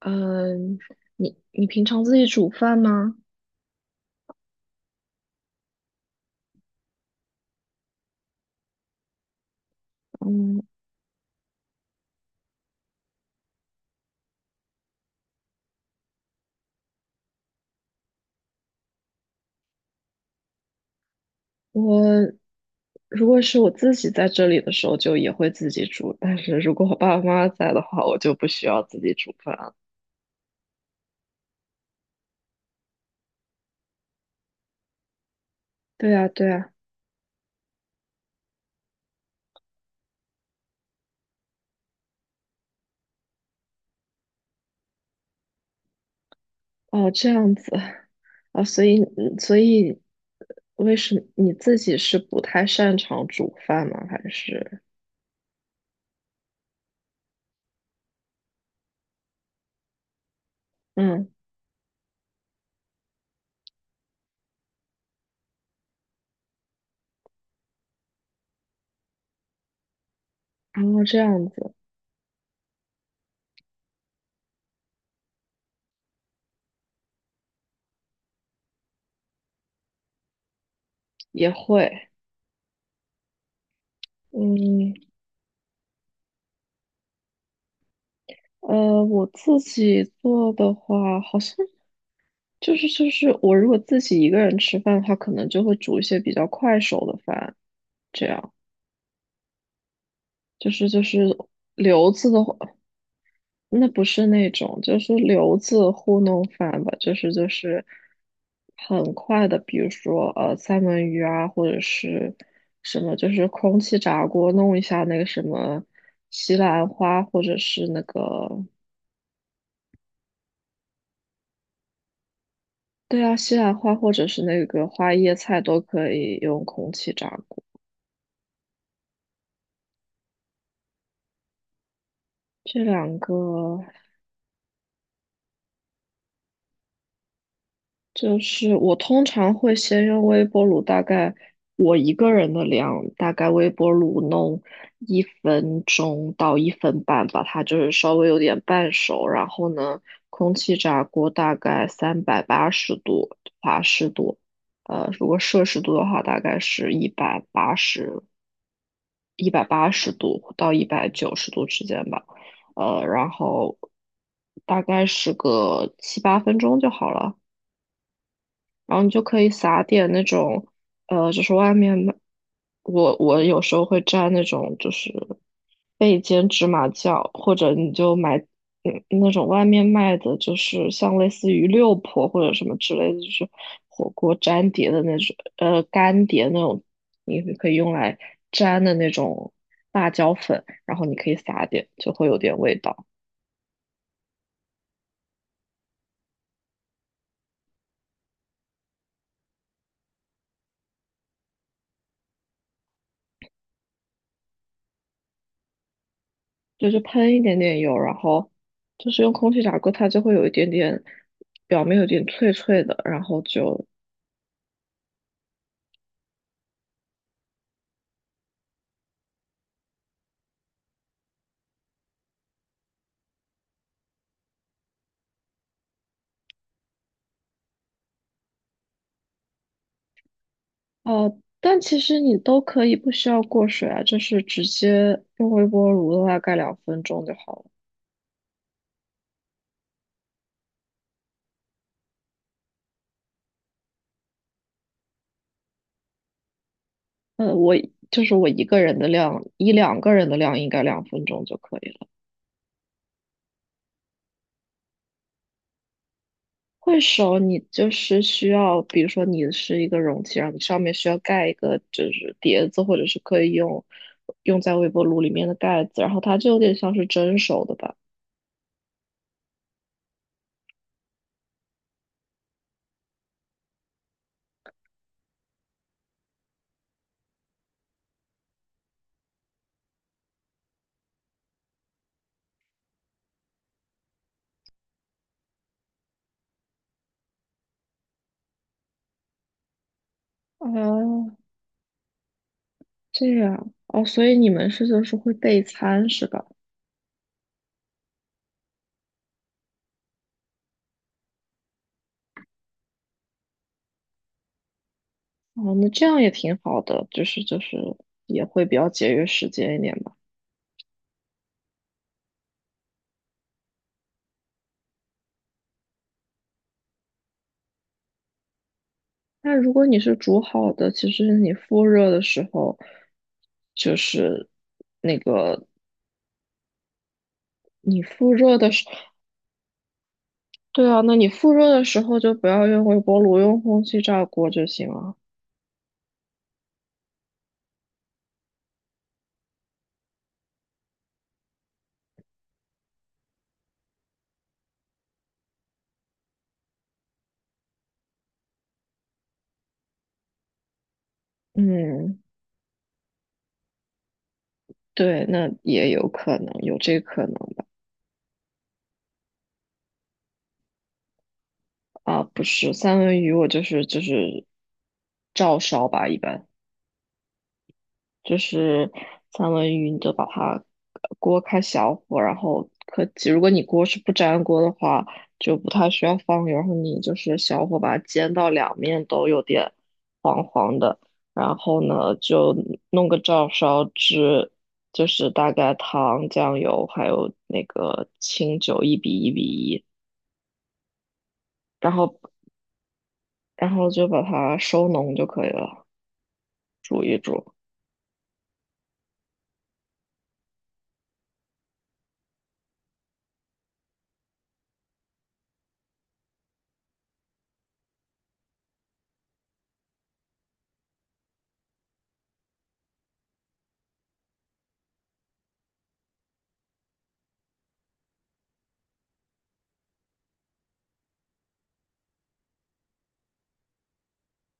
嗯，你平常自己煮饭吗？嗯，我如果是我自己在这里的时候，就也会自己煮，但是如果我爸爸妈妈在的话，我就不需要自己煮饭了。对啊，对啊。哦，这样子啊。所以为什么你自己是不太擅长煮饭吗？还是嗯，然后这样子也会。嗯，我自己做的话，好像就是我如果自己一个人吃饭的话，可能就会煮一些比较快手的饭，这样。就是留子的话，那不是那种就是留子糊弄饭吧，就是很快的，比如说三文鱼啊，或者是什么，就是空气炸锅弄一下那个什么西兰花，或者是那个，对啊，西兰花，或者是那个花椰菜都可以用空气炸锅，这两个。就是我通常会先用微波炉，大概我一个人的量，大概微波炉弄1分钟到1分半吧，把它就是稍微有点半熟。然后呢，空气炸锅大概380度华氏度，如果摄氏度的话，大概是一百八十度到190度之间吧，然后大概是个七八分钟就好了。然后你就可以撒点那种，就是外面买，我有时候会蘸那种就是焙煎芝麻酱，或者你就买那种外面卖的，就是像类似于六婆或者什么之类的，就是火锅粘碟的那种，干碟那种，你可以用来粘的那种辣椒粉，然后你可以撒点，就会有点味道。就是喷一点点油，然后就是用空气炸锅，它就会有一点点表面有点脆脆的，然后就。但其实你都可以不需要过水啊，就是直接用微波炉的话盖两分钟就好了。我就是我一个人的量，一两个人的量应该两分钟就可以了。会熟，你就是需要，比如说你是一个容器，然后你上面需要盖一个就是碟子，或者是可以用在微波炉里面的盖子，然后它就有点像是蒸熟的吧？哦，这样哦，所以你们是就是会备餐是吧？哦，那这样也挺好的，就是也会比较节约时间一点吧。那如果你是煮好的，其实你复热的时候，就是那个你复热的时候。对啊，那你复热的时候就不要用微波炉，用空气炸锅就行了。嗯，对，那也有可能，有这可能吧。啊，不是，三文鱼我就是照烧吧，一般。就是三文鱼，你就把它锅开小火，然后可及如果你锅是不粘锅的话，就不太需要放油，然后你就是小火把它煎到两面都有点黄黄的，然后呢就弄个照烧汁，就是大概糖、酱油还有那个清酒1:1:1，然后就把它收浓就可以了，煮一煮。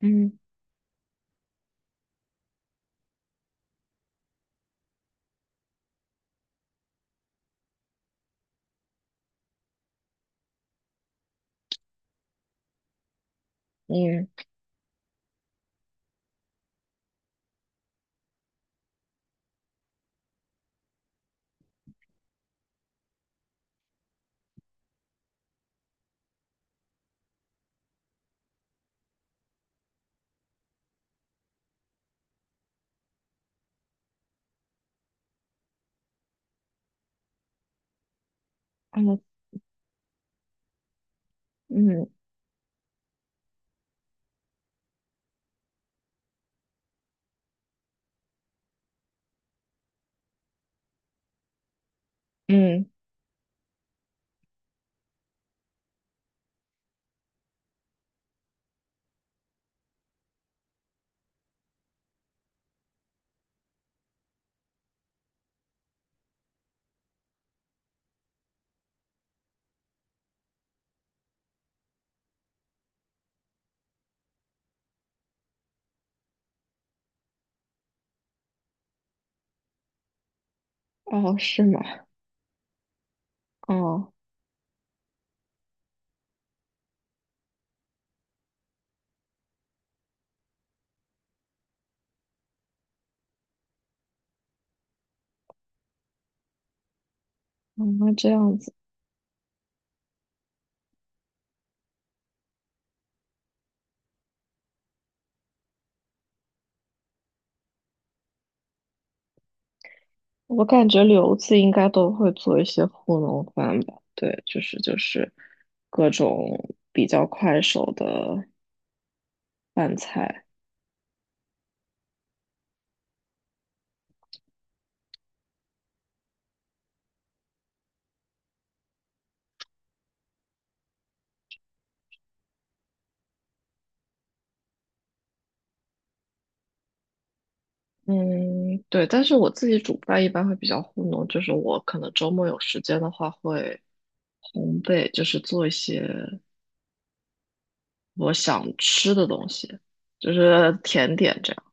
嗯，嗯，哦，嗯嗯，嗯，哦是吗？哦，嗯那这样子。我感觉留子应该都会做一些糊弄饭吧？对，就是各种比较快手的饭菜。嗯，对，但是我自己煮饭一般会比较糊弄，就是我可能周末有时间的话会烘焙，就是做一些我想吃的东西，就是甜点这样。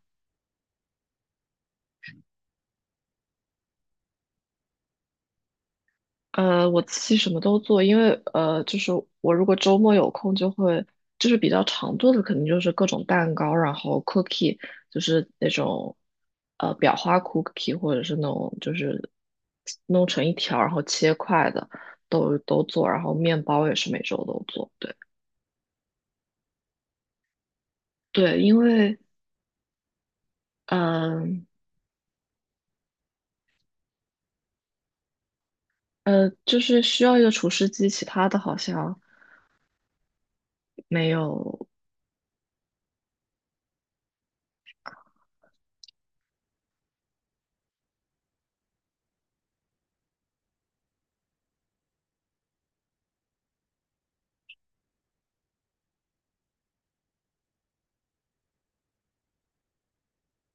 我自己什么都做，因为就是我如果周末有空，就是比较常做的，肯定就是各种蛋糕，然后 cookie,就是那种裱花 cookie,或者是那种就是弄成一条然后切块的，都做，然后面包也是每周都做，对对，因为嗯就是需要一个厨师机，其他的好像没有。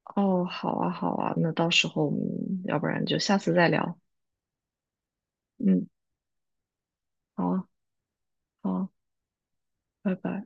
哦，好啊，好啊，那到时候我们要不然就下次再聊。嗯。好啊好啊拜拜。